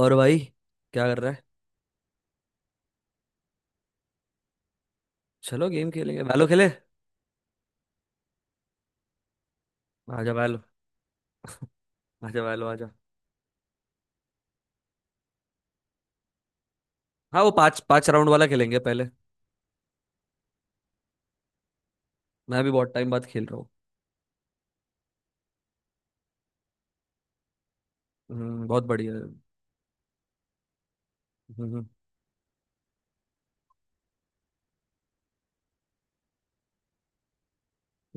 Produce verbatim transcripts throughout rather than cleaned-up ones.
और भाई क्या कर रहा है। चलो गेम खेलेंगे वैलो खेले। आजा वैलो, आजा वैलो आजा। हाँ, वो पांच पांच राउंड वाला खेलेंगे पहले। मैं भी बहुत टाइम बाद खेल रहा हूँ। हम्म, बहुत बढ़िया है। हम्म।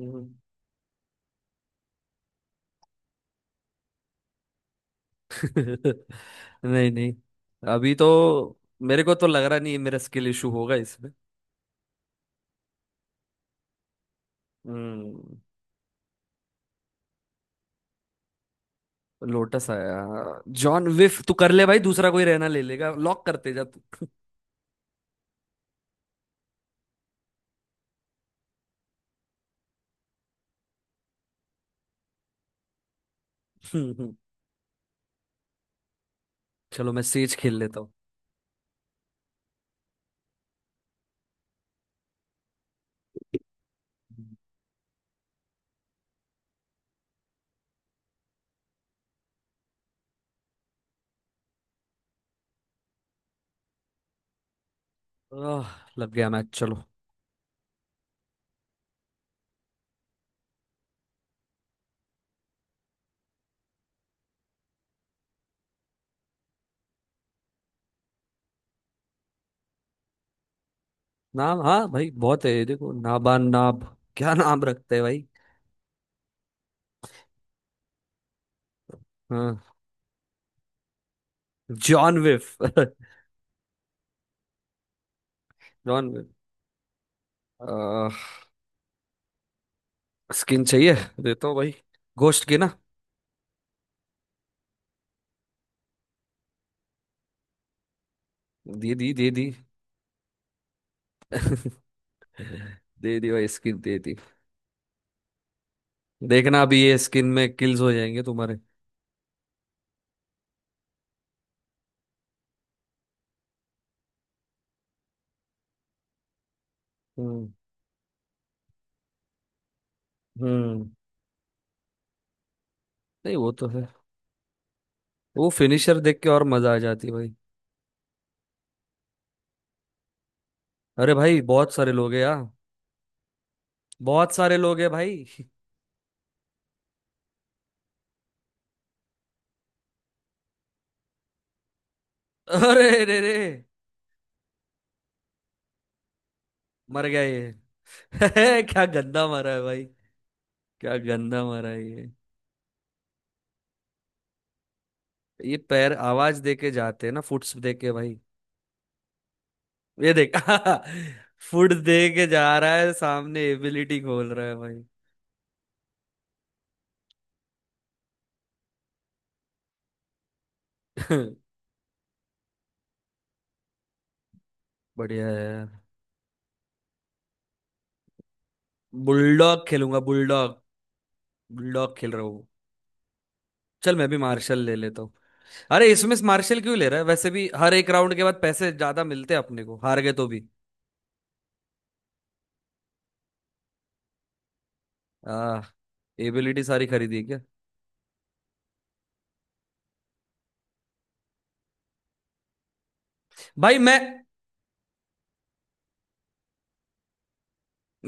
हम्म। नहीं नहीं, अभी तो मेरे को तो लग रहा नहीं है मेरा स्किल इशू होगा इसमें। हम्म। लोटस आया। जॉन विफ तू कर ले भाई, दूसरा कोई रहना ले लेगा, लॉक करते जा तू। चलो मैं सेज खेल लेता हूँ। आह, लग गया मैच। चलो नाम, हाँ भाई बहुत है, ये देखो नाबान नाब क्या नाम रखते हैं भाई। हाँ। जॉन विफ। जॉन विफ। आ, स्किन चाहिए, देता हूँ भाई, गोश्त की ना। दे दी दे दी, दे दी भाई स्किन दे दी। देखना अभी ये स्किन में किल्स हो जाएंगे तुम्हारे। हम्म। हम्म। नहीं, वो तो है। वो फिनिशर देख के और मजा आ जाती है भाई। अरे भाई बहुत सारे लोग हैं यार। बहुत सारे लोग हैं भाई। अरे रे रे, मर गया ये। क्या गंदा मारा है भाई। क्या गंदा मारा है ये। ये पैर आवाज दे के जाते हैं ना, फुट्स दे के भाई। ये देख फुट दे के जा रहा है, सामने एबिलिटी खोल रहा है भाई। बढ़िया है यार। बुलडॉग खेलूंगा बुलडॉग। बुलडॉग खेल रहा हूँ। चल, मैं भी मार्शल ले लेता हूँ। अरे, इसमें मार्शल क्यों ले रहा है, वैसे भी हर एक राउंड के बाद पैसे ज्यादा मिलते हैं अपने को, हार गए तो भी। आ एबिलिटी सारी खरीदी है क्या। भाई मैं,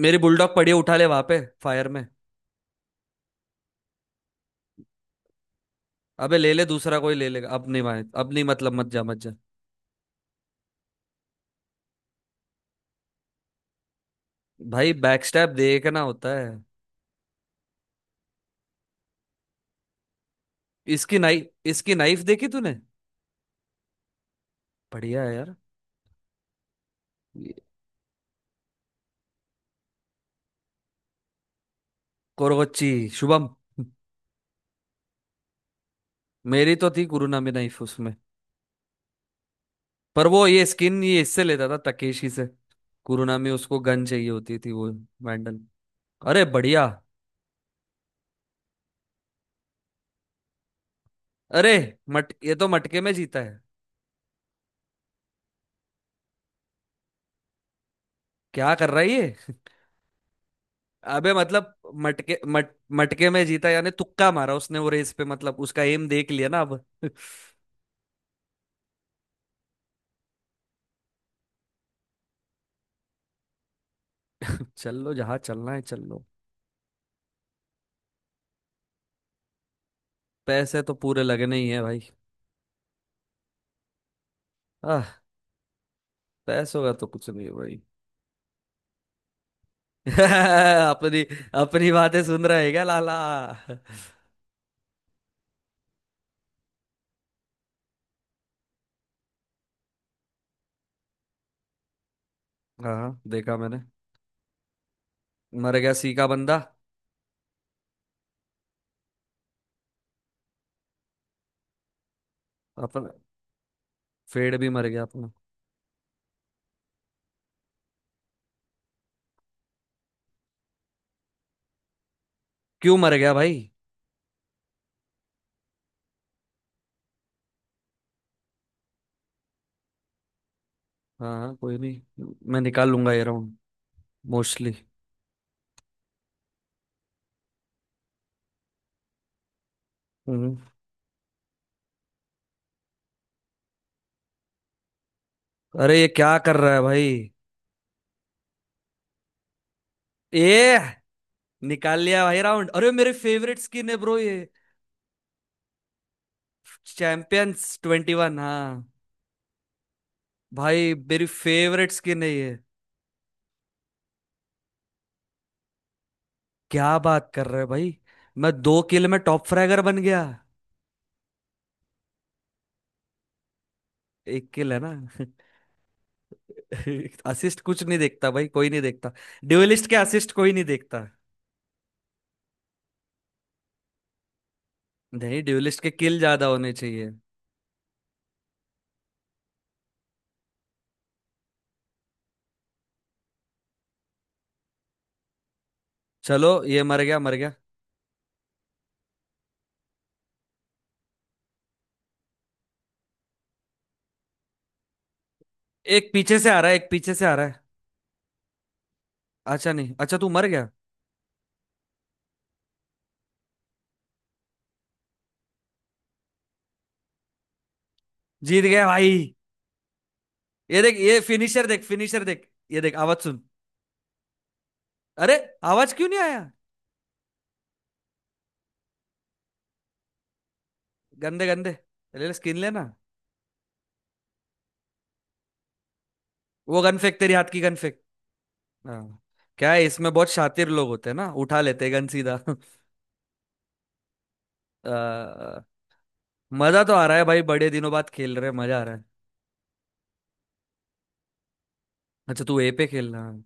मेरी बुलडॉग पड़ी है, उठा ले वहां पे फायर में। अबे ले ले, दूसरा कोई ले लेगा, अब नहीं भाई अब नहीं, मतलब मत जा मत जा। भाई बैकस्टैप देखना होता है। इसकी नाइफ, इसकी नाइफ देखी तूने। बढ़िया है यार। ये- कोरगोच्ची। शुभम, मेरी तो थी कुरुनामी नाइफ उसमें। पर वो ये स्किन ये इससे लेता था, तकेशी से। कुरुनामी उसको गन चाहिए होती थी वो। वैंडल। अरे बढ़िया। अरे मट, ये तो मटके में जीता है। क्या कर रहा है ये। अबे मतलब, मटके मट मटके में जीता यानी तुक्का मारा उसने वो रेस पे, मतलब उसका एम देख लिया ना अब। चल लो जहाँ चलना है चल लो। पैसे तो पूरे लगने ही है भाई। आह पैसों का तो कुछ नहीं है भाई। अपनी अपनी बातें सुन रहे हैं क्या लाला। हाँ देखा मैंने। मर गया सी का बंदा। अपन फेड भी मर गया अपना। क्यों मर गया भाई। हाँ हाँ कोई नहीं, मैं निकाल लूंगा ये राउंड, मोस्टली। हम्म। अरे ये क्या कर रहा है भाई। ए, निकाल लिया भाई राउंड। अरे मेरे फेवरेट स्किन है ब्रो ये। चैंपियंस ट्वेंटी वन, हाँ। भाई मेरी फेवरेट स्किन है ये। क्या बात कर रहे हो भाई, मैं दो किल में टॉप फ्रैगर बन गया। एक किल है ना। असिस्ट कुछ नहीं देखता भाई, कोई नहीं देखता। ड्यूलिस्ट के असिस्ट कोई नहीं देखता। नहीं, ड्यूलिस्ट के किल ज्यादा होने चाहिए। चलो ये मर गया मर गया। एक पीछे से आ रहा है, एक पीछे से आ रहा है। अच्छा, नहीं, अच्छा तू मर गया। जीत गया भाई। ये देख, ये फिनिशर देख, फिनिशर देख, ये देख आवाज सुन। अरे, आवाज क्यों नहीं आया। गंदे गंदे। ले ले स्किन लेना। वो गन फेंक, तेरी हाथ की गन फेंक। हाँ। क्या है इसमें बहुत शातिर लोग होते हैं ना, उठा लेते हैं गन सीधा। अ, मजा तो आ रहा है भाई, बड़े दिनों बाद खेल रहे हैं, मजा आ रहा है। अच्छा तू ए पे खेल रहा है।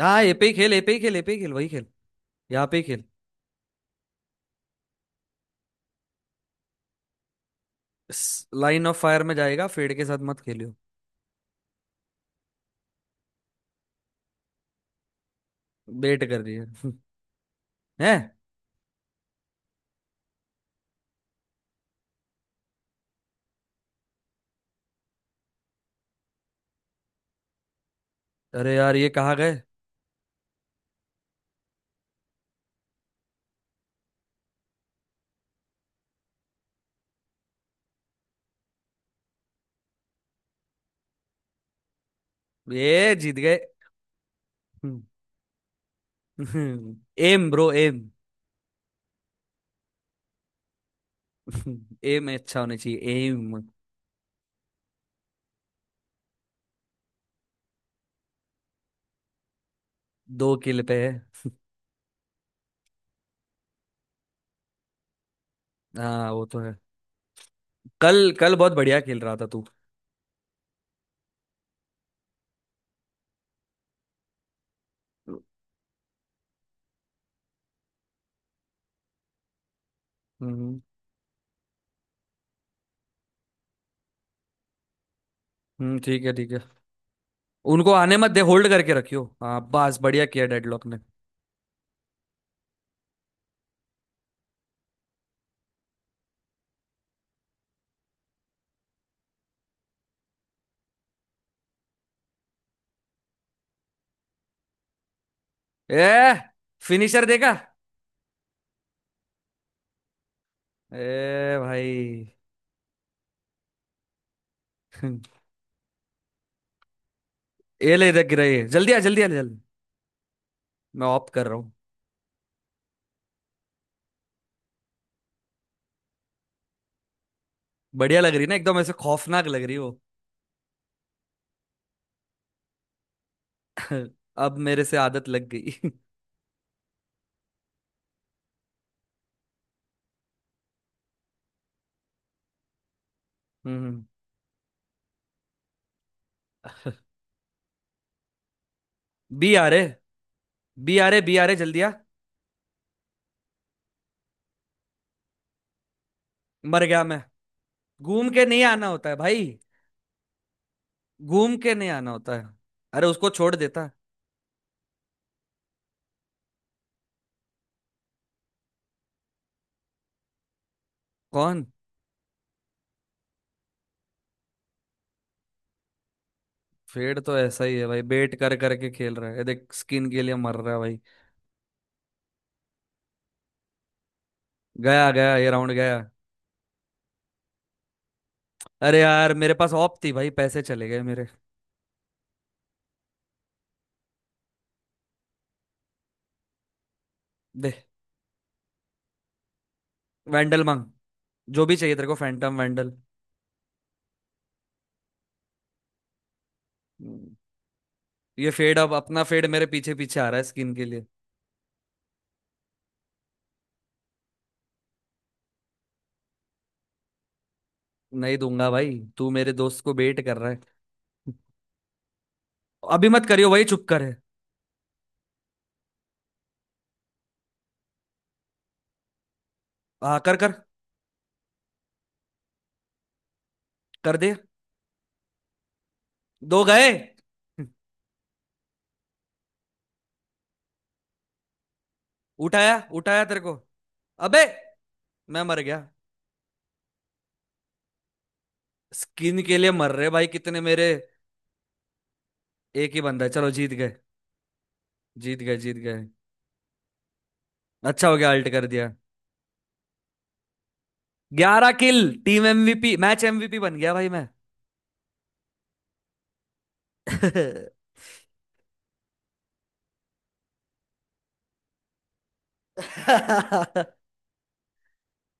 हाँ ए पे ही खेल, ए पे ही खेल, ए पे ही खेल वही खेल। यहाँ पे ही खेल। लाइन ऑफ फायर में जाएगा, फेड के साथ मत खेलियो। बेट कर रही है। हैं? अरे यार ये कहाँ गए। ये जीत गए। M bro M. एम अच्छा होना चाहिए। एम दो किल पे है। हाँ वो तो है। कल कल बहुत बढ़िया खेल रहा था तू। हम्म। हम्म ठीक है ठीक है। उनको आने मत दे, होल्ड करके रखियो। हाँ बस बढ़िया किया डेडलॉक ने। ए, फिनिशर देखा। ए भाई। ए ले, इधर गिरा ये, जल्दी आ जल्दी आ जल्दी। मैं ऑफ कर रहा हूँ। बढ़िया लग रही ना, एकदम ऐसे खौफनाक लग रही हो। अब मेरे से आदत लग गई। हम्म। बी आ रहे, बी आ रहे, बी आ रहे जल्दी आ। मर गया मैं। घूम के नहीं आना होता है भाई, घूम के नहीं आना होता है। अरे उसको छोड़ देता। कौन। फेड तो ऐसा ही है भाई, बेट कर करके खेल रहा है, ये देख स्किन के लिए मर रहा है भाई। गया गया ये राउंड गया। अरे यार, मेरे पास ऑप थी भाई, पैसे चले गए मेरे। दे। वैंडल मांग, जो भी चाहिए तेरे को, फैंटम वैंडल। हम्म, ये फेड, अब अपना फेड मेरे पीछे पीछे आ रहा है स्किन के लिए। नहीं दूंगा भाई, तू मेरे दोस्त को बेट कर रहा है। अभी मत करियो भाई, चुप कर है। आ कर, कर, कर दे। दो गए। उठाया, उठाया तेरे को। अबे मैं मर गया। स्किन के लिए मर रहे भाई कितने मेरे। एक ही बंदा है, चलो जीत गए। जीत गए जीत गए। अच्छा हो गया, अल्ट कर दिया। ग्यारह kill. Team MVP, match MVP बन गया भाई मैं।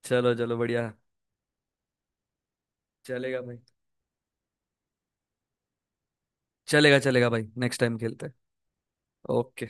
चलो चलो बढ़िया। चलेगा भाई। चलेगा चलेगा भाई, नेक्स्ट टाइम खेलते हैं। ओके।